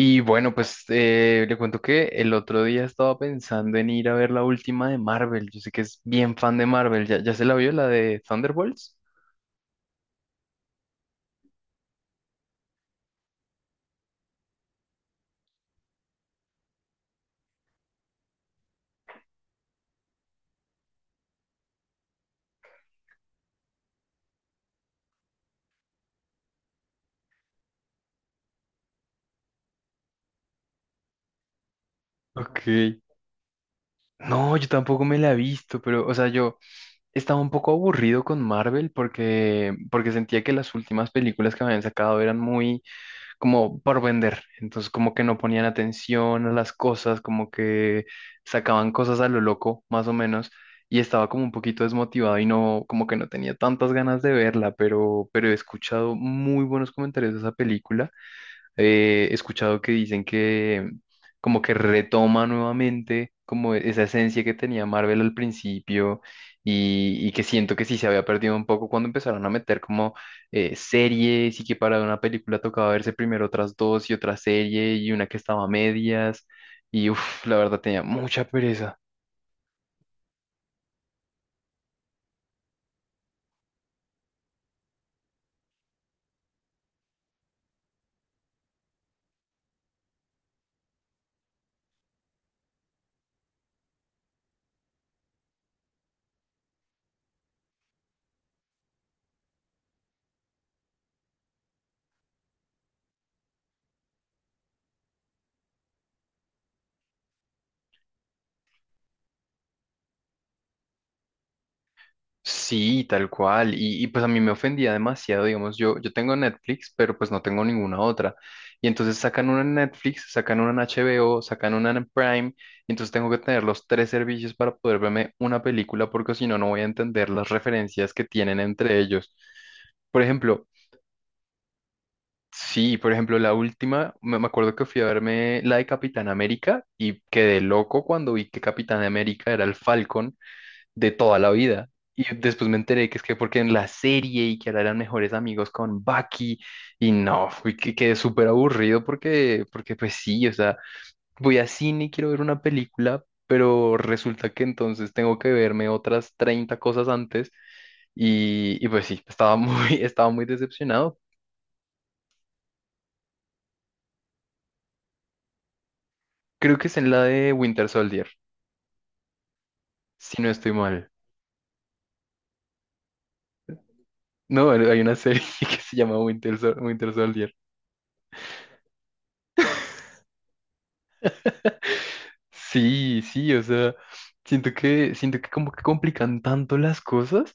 Y bueno, pues le cuento que el otro día estaba pensando en ir a ver la última de Marvel. Yo sé que es bien fan de Marvel. ¿Ya se la vio la de Thunderbolts? Ok. No, yo tampoco me la he visto, pero, o sea, yo estaba un poco aburrido con Marvel porque sentía que las últimas películas que me habían sacado eran muy como por vender. Entonces, como que no ponían atención a las cosas, como que sacaban cosas a lo loco, más o menos, y estaba como un poquito desmotivado y no, como que no tenía tantas ganas de verla, pero he escuchado muy buenos comentarios de esa película. He escuchado que dicen que como que retoma nuevamente como esa esencia que tenía Marvel al principio y que siento que sí se había perdido un poco cuando empezaron a meter como series y que para una película tocaba verse primero otras dos y otra serie y una que estaba a medias y uff, la verdad tenía mucha pereza. Sí, tal cual. Pues a mí me ofendía demasiado, digamos, yo tengo Netflix, pero pues no tengo ninguna otra. Y entonces sacan una en Netflix, sacan una en HBO, sacan una en Prime, y entonces tengo que tener los tres servicios para poder verme una película, porque si no, no voy a entender las referencias que tienen entre ellos. Por ejemplo, sí, por ejemplo, la última, me acuerdo que fui a verme la de Capitán América y quedé loco cuando vi que Capitán América era el Falcon de toda la vida. Y después me enteré que es que porque en la serie y que ahora eran mejores amigos con Bucky y no, fui que quedé súper aburrido porque pues sí, o sea, voy a cine y quiero ver una película, pero resulta que entonces tengo que verme otras 30 cosas antes pues sí, estaba muy, estaba muy decepcionado. Creo que es en la de Winter Soldier, si no estoy mal. No, hay una serie que se llama Winter Soldier. Sí, sí, o sea, siento que como que complican tanto las cosas,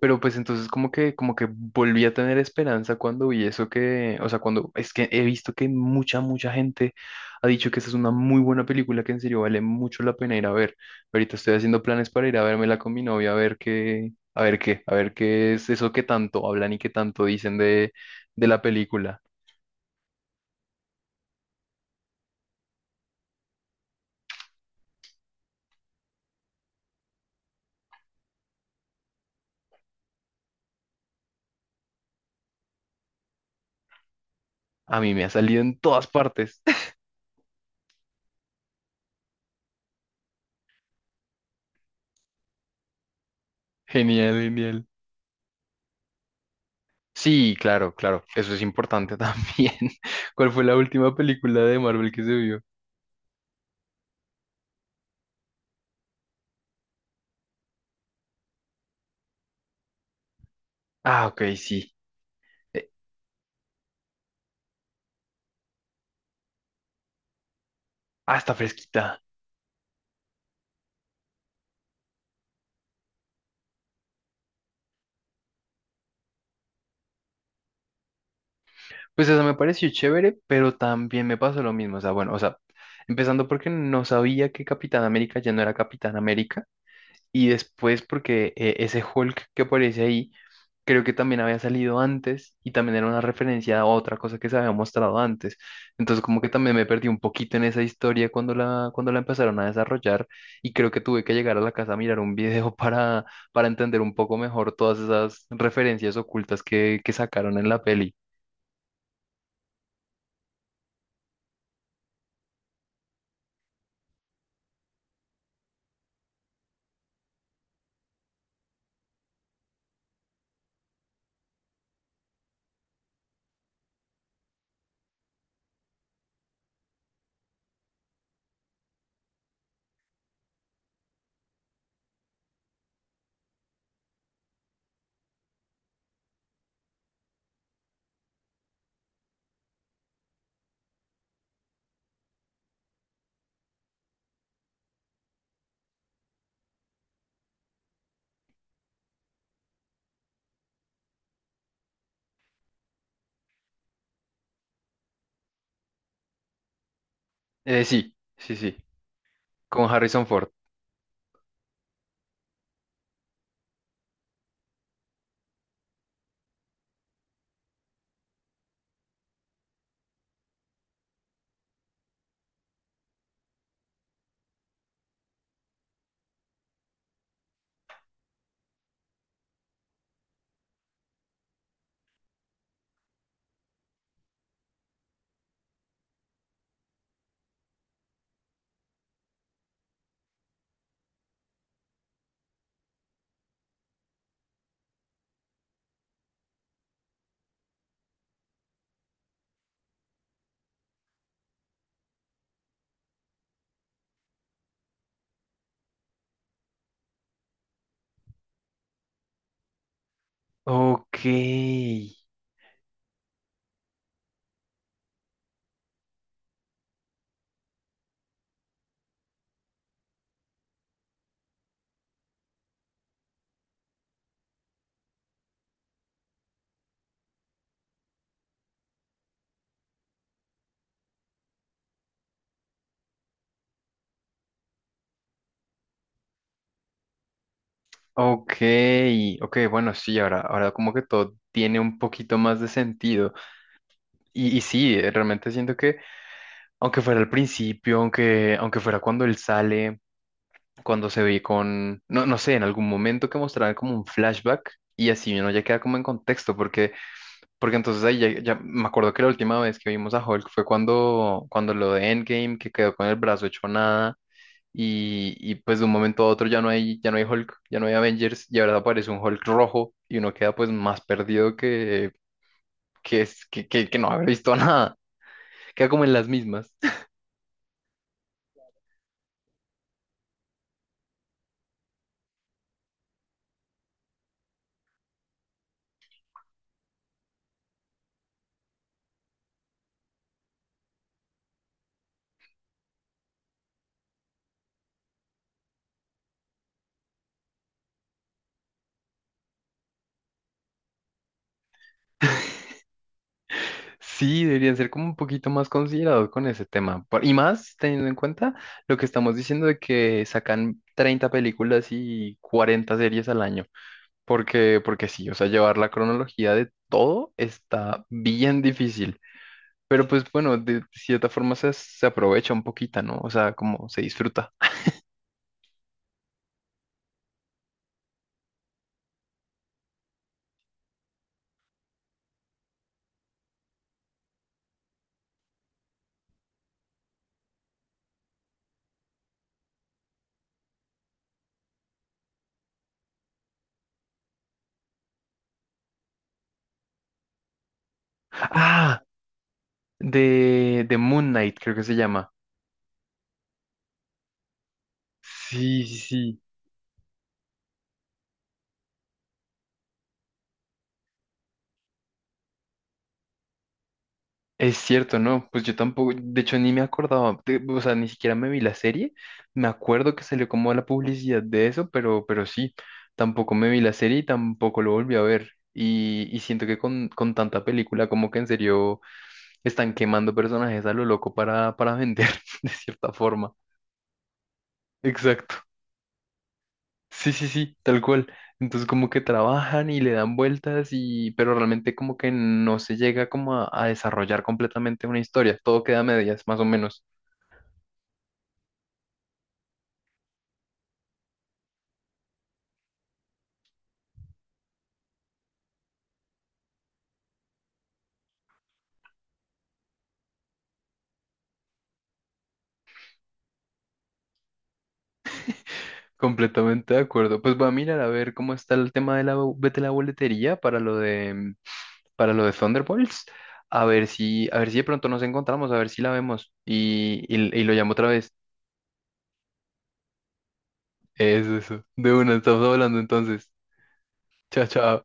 pero pues entonces como que volví a tener esperanza cuando vi eso que, o sea, cuando es que he visto que mucha gente ha dicho que esa es una muy buena película que en serio vale mucho la pena ir a ver. Ahorita estoy haciendo planes para ir a vérmela con mi novia a ver qué, a ver qué, a ver qué es eso que tanto hablan y que tanto dicen de la película. A mí me ha salido en todas partes. Genial, genial. Sí, claro, claro. Eso es importante también. ¿Cuál fue la última película de Marvel que se vio? Ah, ok, sí. Eh, ah, está fresquita. Pues eso me pareció chévere, pero también me pasó lo mismo. O sea, bueno, o sea, empezando porque no sabía que Capitán América ya no era Capitán América. Y después porque ese Hulk que aparece ahí. Creo que también había salido antes y también era una referencia a otra cosa que se había mostrado antes. Entonces como que también me perdí un poquito en esa historia cuando la empezaron a desarrollar y creo que tuve que llegar a la casa a mirar un para entender un poco mejor todas esas referencias ocultas que sacaron en la peli. Sí, con Harrison Ford. Ok, ok, ok, bueno, sí, ahora como que todo tiene un poquito más de sentido. Y sí, realmente siento que aunque fuera al principio, aunque fuera cuando él sale, cuando se ve con, no, no sé, en algún momento que mostraran como un flashback y así uno ya queda como en contexto, porque entonces ahí ya me acuerdo que la última vez que vimos a Hulk fue cuando lo de Endgame, que quedó con el brazo hecho nada pues de un momento a otro ya no hay Hulk, ya no hay Avengers y ahora aparece un Hulk rojo y uno queda pues más perdido que, es- que no haber visto nada, queda como en las mismas. Sí, deberían ser como un poquito más considerados con ese tema. Y más teniendo en cuenta lo que estamos diciendo de que sacan 30 películas y 40 series al año. Porque sí, o sea, llevar la cronología de todo está bien difícil. Pero pues bueno, de cierta forma se, se aprovecha un poquito, ¿no? O sea, como se disfruta. Ah, de Moon Knight creo que se llama. Sí, sí, sí. Es cierto, ¿no? Pues yo tampoco, de hecho ni me acordaba, o sea, ni siquiera me vi la serie, me acuerdo que salió como la publicidad de eso, pero sí, tampoco me vi la serie y tampoco lo volví a ver. Y siento que con tanta película, como que en serio están quemando personajes a lo loco para vender, de cierta forma. Exacto. Sí, sí, sí, tal cual. Entonces como que trabajan y le dan vueltas y pero realmente como que no se llega como a desarrollar completamente una historia. Todo queda a medias, más o menos. Completamente de acuerdo. Pues voy a mirar a ver cómo está el tema de de la boletería para lo de para lo de Thunderbolts. A ver si de pronto nos encontramos, a ver si la vemos y lo llamo otra vez. Es eso. De una, estamos hablando entonces. Chao, chao.